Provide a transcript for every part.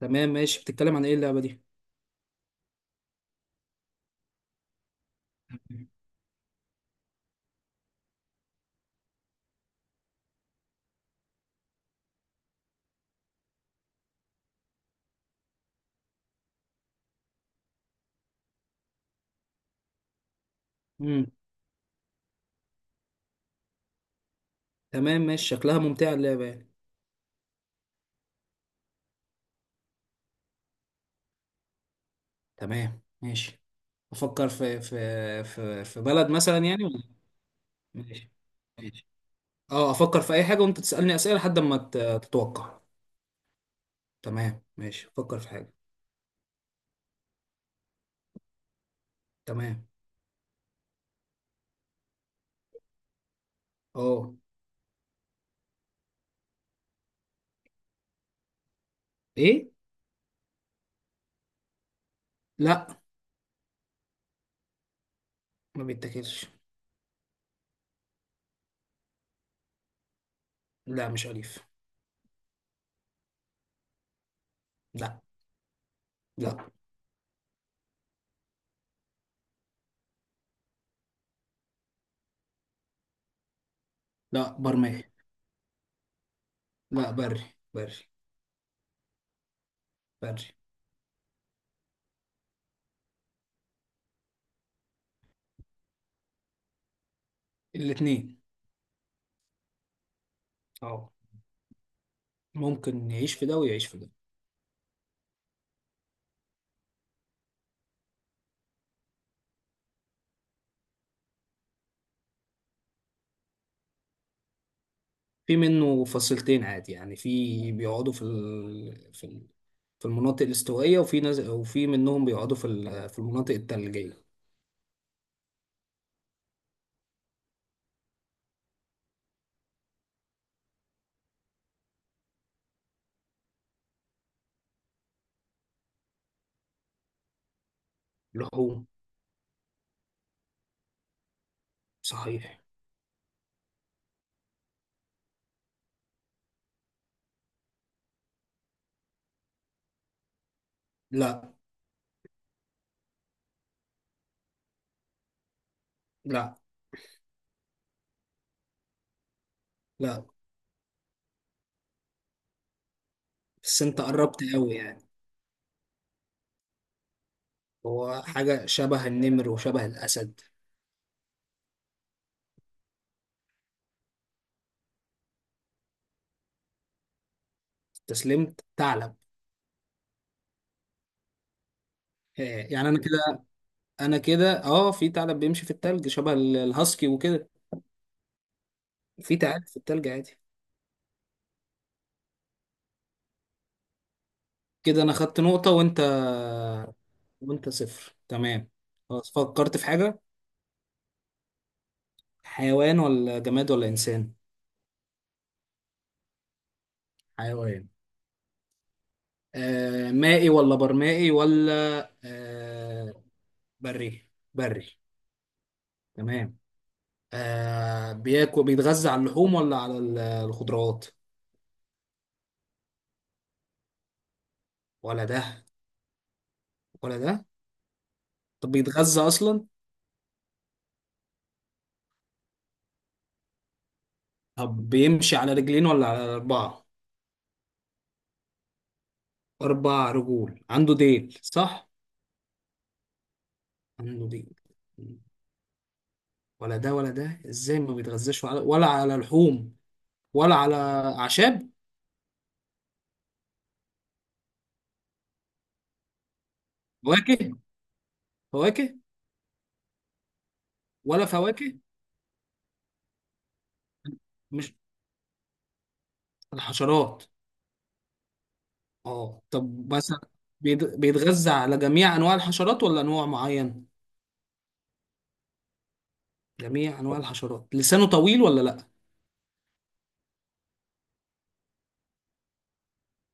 تمام، ماشي. بتتكلم عن ايه اللعبة دي؟ امم. تمام، ماشي، شكلها ممتعة اللعبة يعني. تمام، ماشي، افكر في بلد مثلا يعني ولا؟ ماشي، ماشي. اه افكر في اي حاجة وانت تسألني اسئلة لحد ما تتوقع. تمام، ماشي، افكر في حاجة. تمام. اه. ايه؟ لا. ما بيتاكلش. لا، مش اليف. لا. لا. لا، برمائي. لا، بري. بري. بري. الاتنين. اه، ممكن يعيش في ده ويعيش في ده. في منه فصيلتين عادي يعني، في بيقعدوا في المناطق الاستوائية، وفي ناس، وفي منهم بيقعدوا في المناطق الثلجية. لحوم. صحيح. لا. لا. لا. بس انت قربت قوي يعني. هو حاجة شبه النمر وشبه الأسد. استسلمت؟ ثعلب. آه. يعني انا كده في ثعلب بيمشي في الثلج شبه الهاسكي وكده. في ثعالب في الثلج عادي. كده انا خدت نقطة، وانت صفر، تمام. خلاص، فكرت في حاجة. حيوان ولا جماد ولا إنسان؟ حيوان. آه، مائي ولا برمائي ولا؟ آه. بري، بري، تمام. آه، بيتغذى على اللحوم ولا على الخضروات؟ ولا ده ولا ده. طب بيتغذى أصلا؟ طب بيمشي على رجلين ولا على أربعة؟ أربع رجول، عنده ديل صح؟ عنده ديل. ولا ده ولا ده، إزاي؟ ما بيتغذاش ولا على لحوم ولا على أعشاب؟ فواكه؟ فواكه؟ ولا فواكه؟ مش الحشرات؟ اه. طب مثلا، بيتغذى على جميع انواع الحشرات ولا انواع معين؟ جميع انواع الحشرات، لسانه طويل ولا لا؟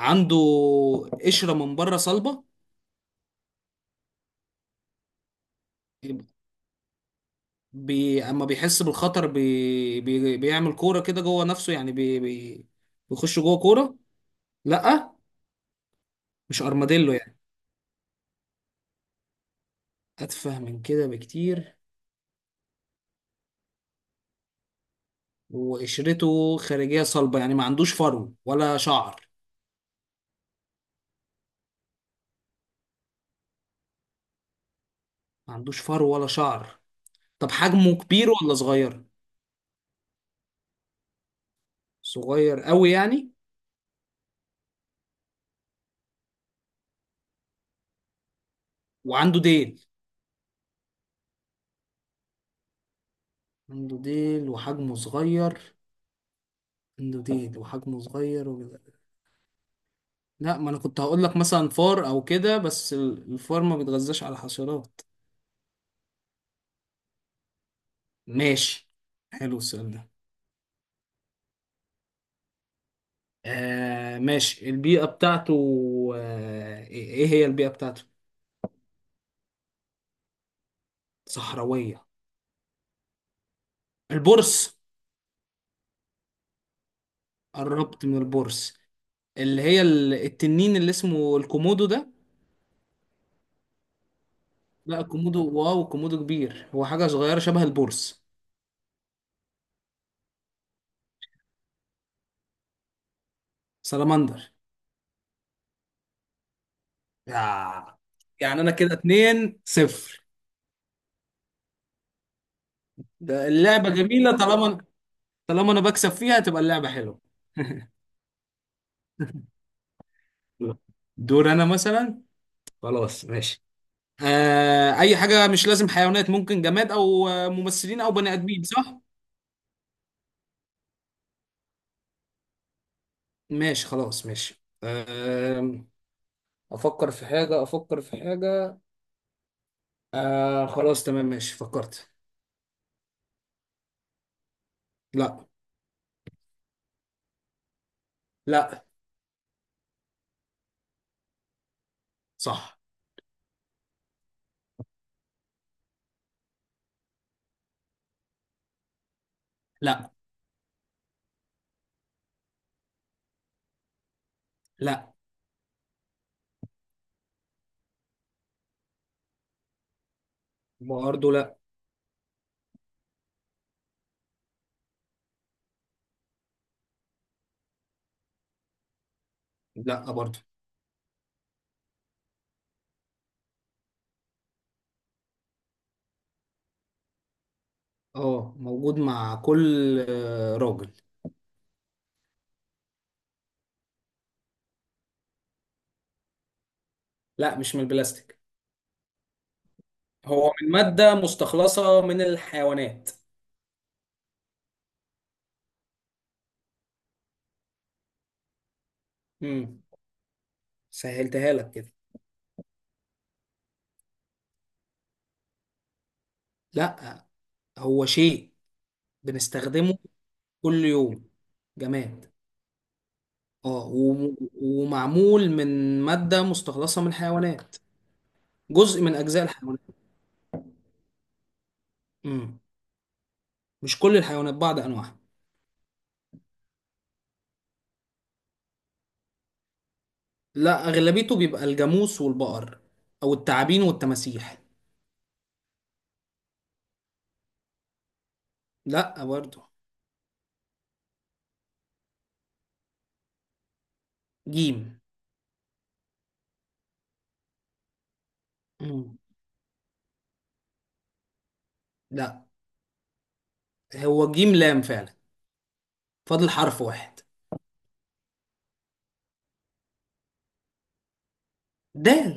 عنده قشرة من بره صلبة؟ يبقى اما بيحس بالخطر بيعمل كورة كده جوه نفسه يعني، بيخش جوه كورة. لا، مش ارماديلو يعني؟ اتفه من كده بكتير؟ وقشرته خارجية صلبة يعني ما عندوش فرو ولا شعر؟ ما عندوش فرو ولا شعر. طب حجمه كبير ولا صغير؟ صغير قوي يعني؟ وعنده ديل. عنده ديل وحجمه صغير. عنده ديل وحجمه صغير وكده. لا، ما انا كنت هقول لك مثلا فار او كده، بس الفار ما بيتغذاش على حشرات. ماشي. حلو السؤال ده. آه، ماشي، البيئة بتاعته. آه، إيه هي البيئة بتاعته؟ صحراوية؟ البرص. قربت من البرص اللي هي التنين اللي اسمه الكومودو ده. لا، الكومودو؟ واو، الكومودو كبير، هو حاجة صغيرة شبه البرص. سلامندر؟ آه. يعني انا كده 2-0. ده اللعبة جميلة، طالما، طالما انا بكسب فيها تبقى اللعبة حلوة. دور انا مثلا. خلاص، ماشي. آه، اي حاجة، مش لازم حيوانات، ممكن جماد او ممثلين او بني ادمين صح؟ ماشي، خلاص، ماشي. آه، افكر في حاجة، افكر في حاجة. آه، خلاص، تمام، ماشي، فكرت. لا. لا. صح. لا. لا برضه. لا. لا برضه. اه، موجود مع كل راجل. لا، مش من البلاستيك. هو من مادة مستخلصة من الحيوانات. امم. سهلتها لك كده. لا. هو شيء بنستخدمه كل يوم. جماد. اه، ومعمول من مادة مستخلصة من الحيوانات، جزء من أجزاء الحيوانات. امم. مش كل الحيوانات، بعض أنواعها. لا، أغلبيته بيبقى الجاموس والبقر، أو التعابين والتماسيح. لا برضه. جيم. امم. لا. هو جيم لام فعلا، فاضل حرف واحد. دال.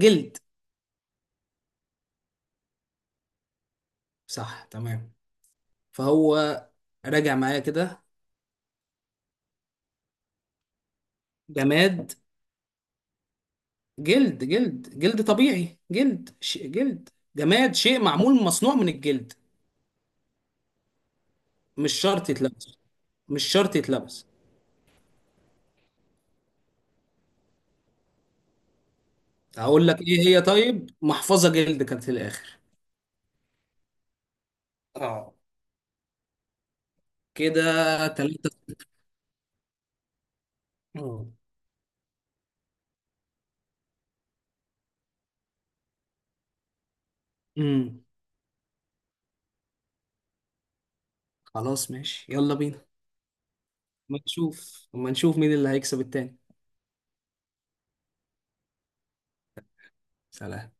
جلد. صح، تمام. فهو، راجع معايا كده؟ جماد. جلد، جلد، جلد طبيعي، جلد جلد. جماد، شيء معمول مصنوع من الجلد. مش شرط يتلبس. مش شرط يتلبس. هقول لك ايه هي، طيب، محفظة جلد كانت في الاخر. اه. كده. تلاتة. اه. امم. خلاص، ماشي، يلا بينا. ما نشوف مين اللي هيكسب التاني. سلام.